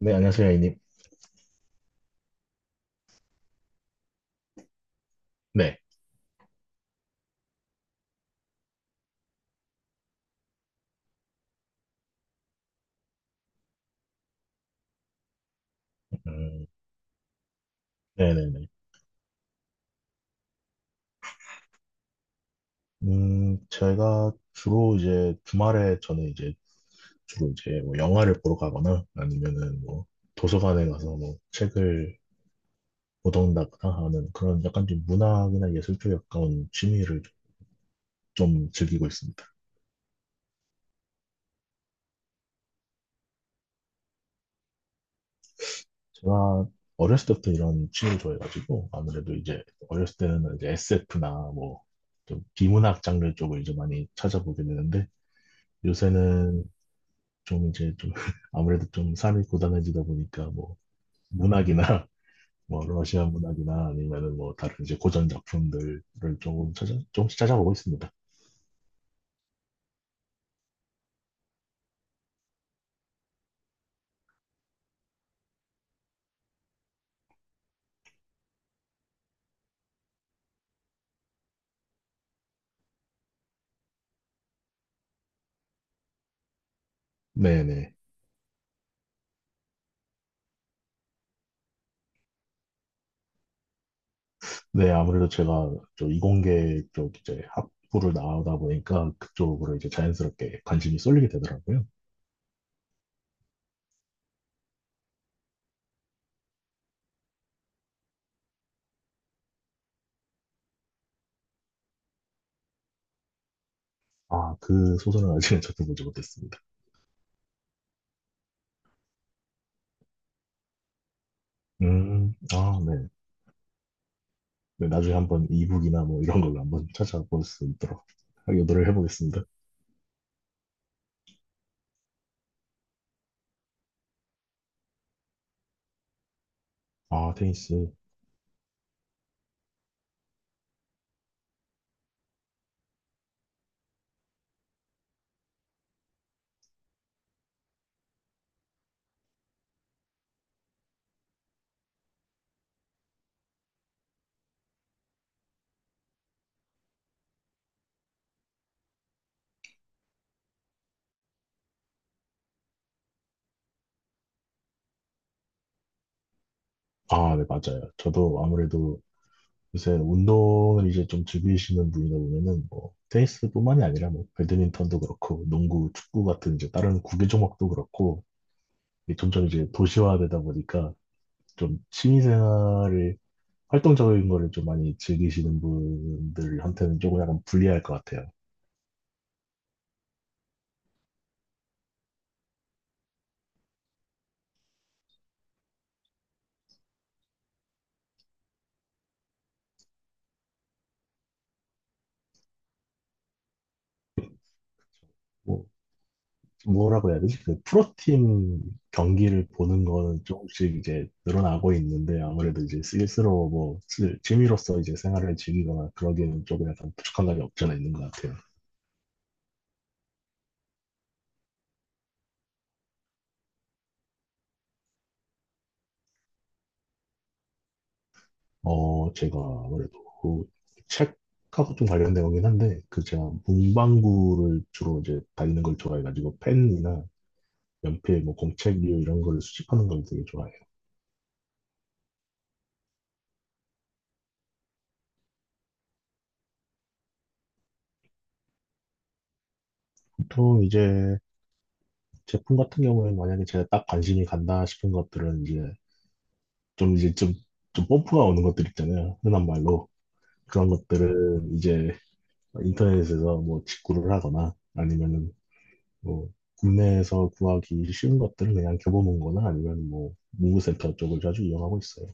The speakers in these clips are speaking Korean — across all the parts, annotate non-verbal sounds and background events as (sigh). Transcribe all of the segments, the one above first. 네, 안녕하세요, A님. 네, 음, 네네네. 제가 주로 이제 주말에 저는 이제 뭐 영화를 보러 가거나 아니면은 뭐 도서관에 가서 뭐 책을 보던다거나 하는 그런 약간 좀 문학이나 예술 쪽에 가까운 취미를 좀 즐기고 있습니다. 제가 어렸을 때부터 이런 취미를 좋아해가지고 아무래도 이제 어렸을 때는 이제 SF나 뭐 좀 비문학 장르 쪽을 이제 많이 찾아보게 되는데 요새는 좀 이제 (laughs) 아무래도 좀 삶이 고단해지다 보니까 뭐 문학이나 (laughs) 뭐 러시아 문학이나 아니면은 뭐 다른 이제 고전 작품들을 조금씩 찾아보고 있습니다. 네네. 네, 아무래도 제가 이공계 쪽 이제 학부를 나오다 보니까 그쪽으로 이제 자연스럽게 관심이 쏠리게 되더라고요. 아, 그 소설은 아직은 (laughs) 저도 보지 못했습니다. 아, 네. 네, 나중에 한번 이북이나 뭐 이런 걸로 한번 찾아볼 수 있도록 노력해 보겠습니다. 아, 테니스. 아, 네, 맞아요. 저도 아무래도 요새 운동을 이제 좀 즐기시는 분이다 보면은 뭐 테니스뿐만이 아니라 뭐 배드민턴도 그렇고 농구, 축구 같은 이제 다른 구기 종목도 그렇고 이게 점점 이제 도시화되다 보니까 좀 취미생활을 활동적인 거를 좀 많이 즐기시는 분들한테는 조금 약간 불리할 것 같아요. 뭐 뭐라고 해야 되지? 그 프로팀 경기를 보는 거는 조금씩 이제 늘어나고 있는데 아무래도 이제 스스로 취미로서 이제 생활을 즐기거나 그러기에는 조금 약간 부족한 감이 없지 않아 있는 것 같아요. 어, 제가 아무래도 그 책하고 좀 관련된 거긴 한데 그 제가 문방구를 주로 이제 다니는 걸 좋아해가지고 펜이나 연필, 뭐 공책류 이런 걸 수집하는 걸 되게 좋아해요. 보통 이제 제품 같은 경우에는 만약에 제가 딱 관심이 간다 싶은 것들은 이제 좀 이제 좀, 좀 펌프가 오는 것들 있잖아요. 흔한 말로. 그런 것들은 이제 인터넷에서 뭐 직구를 하거나 아니면은 뭐 국내에서 구하기 쉬운 것들은 그냥 겨보는 거나 아니면 뭐 문구센터 쪽을 자주 이용하고 있어요.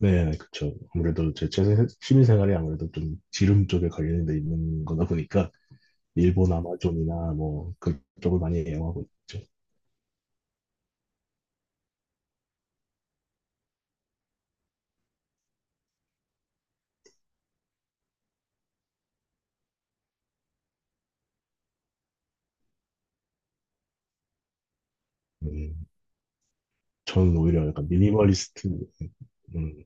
네, 그쵸. 아무래도 제 취미생활이 아무래도 좀 지름 쪽에 관련돼 있는 거다 보니까 일본 아마존이나 뭐 그쪽을 많이 이용하고 있죠. 음, 저는 오히려 약간 미니멀리스트, 음,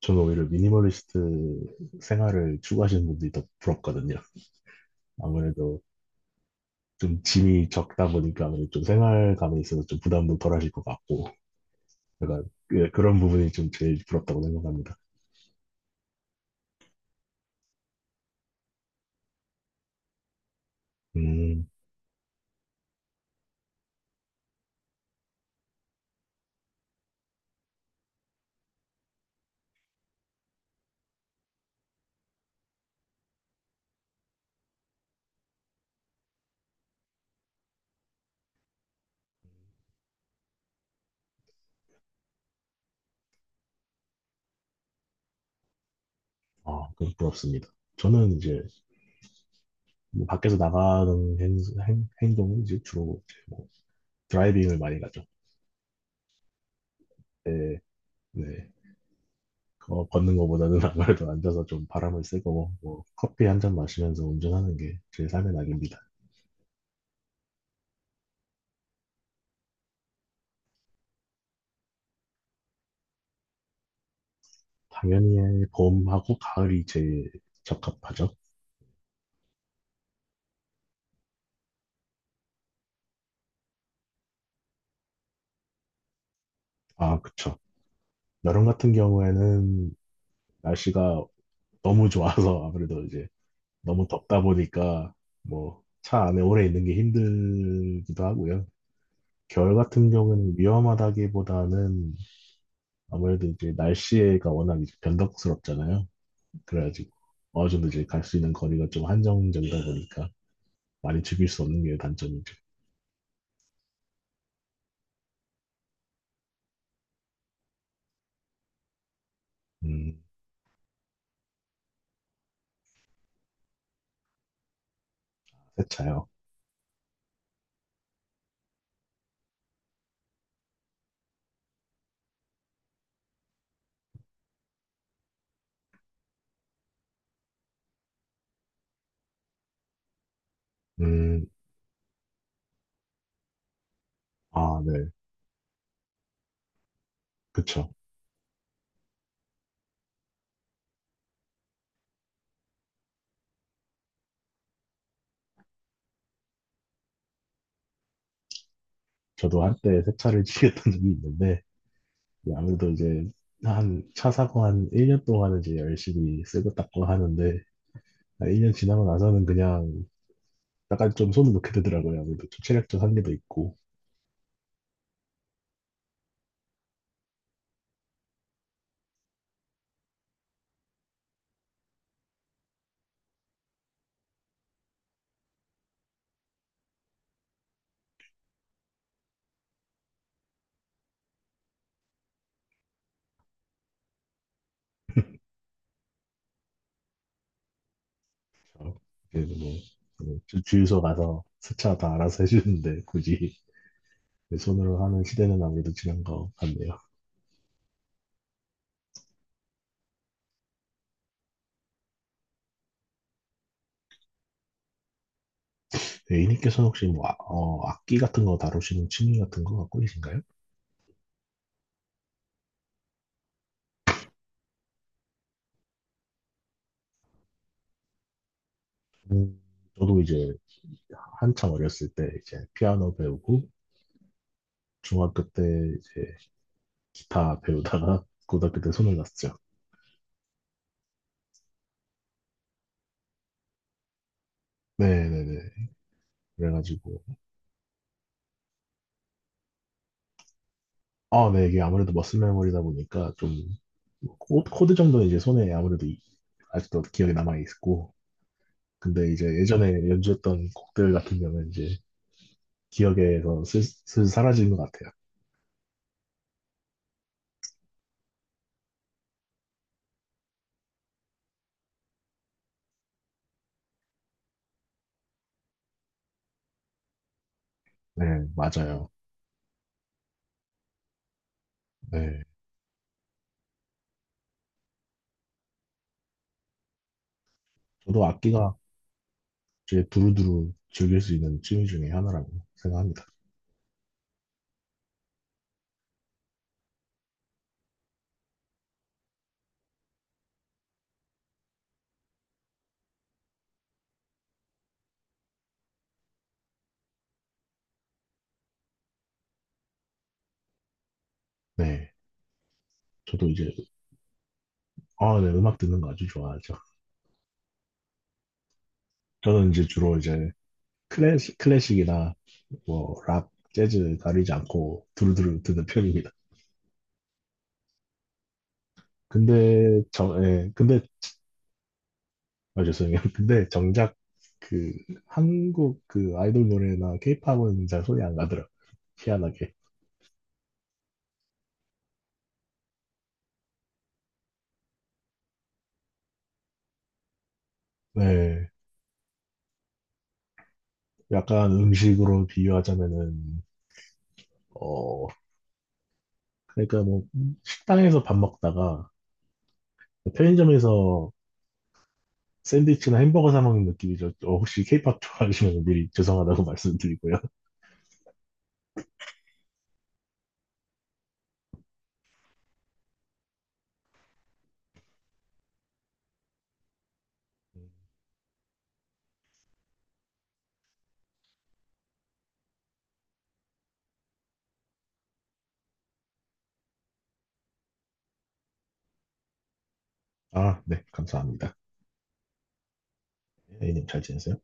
저는 오히려 미니멀리스트 생활을 추구하시는 분들이 더 부럽거든요. 아무래도 좀 짐이 적다 보니까 아무래도 좀 생활감에 있어서 좀 부담도 덜 하실 것 같고, 제가 그런 부분이 좀 제일 부럽다고 생각합니다. 음, 아, 그건 부럽습니다. 저는 이제 뭐 밖에서 나가는 행동은 주로 이제 뭐 드라이빙을 많이 가죠. 네, 네. 그거 걷는 것보다는 (laughs) 아무래도 앉아서 좀 바람을 쐬고 뭐 커피 한 잔 마시면서 운전하는 게 제 삶의 낙입니다. 당연히 봄하고 가을이 제일 적합하죠. 아, 그쵸. 여름 같은 경우에는 날씨가 너무 좋아서 아무래도 이제 너무 덥다 보니까 뭐 차 안에 오래 있는 게 힘들기도 하고요. 겨울 같은 경우는 위험하다기보다는 아무래도 이제 날씨가 워낙 이제 변덕스럽잖아요. 그래가지고 어느 정도 이제 갈 수 있는 거리가 좀 한정적이다 보니까 많이 즐길 수 없는 게 단점이죠. 음, 세차요. 음, 아, 네. 그쵸. 저도 한때 세차를 치겠던 (laughs) 적이 있는데, 아무래도 이제 한 차 사고 한 1년 동안은 이제 열심히 쓰고 닦고 하는데, 한 1년 지나고 나서는 그냥 약간 좀 손을 놓게 되더라고요. 아무래도 좀 체력적 한계도 있고. 그래서 그래도 뭐, 그 주유소 가서 세차 다 알아서 해주는데, 굳이 내 손으로 하는 시대는 아무래도 지난 것 같네요. A님께서 혹시 뭐, 어, 악기 같은 거 다루시는 취미 같은 거 갖고 계신가요? 음, 저도 이제 한참 어렸을 때 이제 피아노 배우고 중학교 때 이제 기타 배우다가 (laughs) 고등학교 때 손을 놨죠. 네네네. 그래가지고, 아, 네, 이게 아무래도 머슬 메모리다 보니까 좀, 뭐 코드 정도는 이제 손에 아무래도 아직도 기억에 남아있고, 근데 이제 예전에 연주했던 곡들 같은 경우는 이제 기억에서 슬슬 사라지는 것 같아요. 네, 맞아요. 네. 저도 악기가 이제 두루두루 즐길 수 있는 취미 중에 하나라고 생각합니다. 네. 저도 이제, 아, 네, 음악 듣는 거 아주 좋아하죠. 저는 이제 주로 이제 클래식이나 뭐 락, 재즈 가리지 않고 두루두루 듣는 편입니다. 근데 정, 예, 근데 아 죄송해요. (laughs) 근데 정작 그 한국 그 아이돌 노래나 케이팝은 잘 손이 안 가더라. 희한하게. 네, 약간 음식으로 비유하자면은 어 그러니까 뭐 식당에서 밥 먹다가 편의점에서 샌드위치나 햄버거 사 먹는 느낌이죠. 어, 혹시 케이팝 좋아하시면 미리 죄송하다고 (laughs) 말씀드리고요. 아, 네, 감사합니다. A님 잘 지내세요?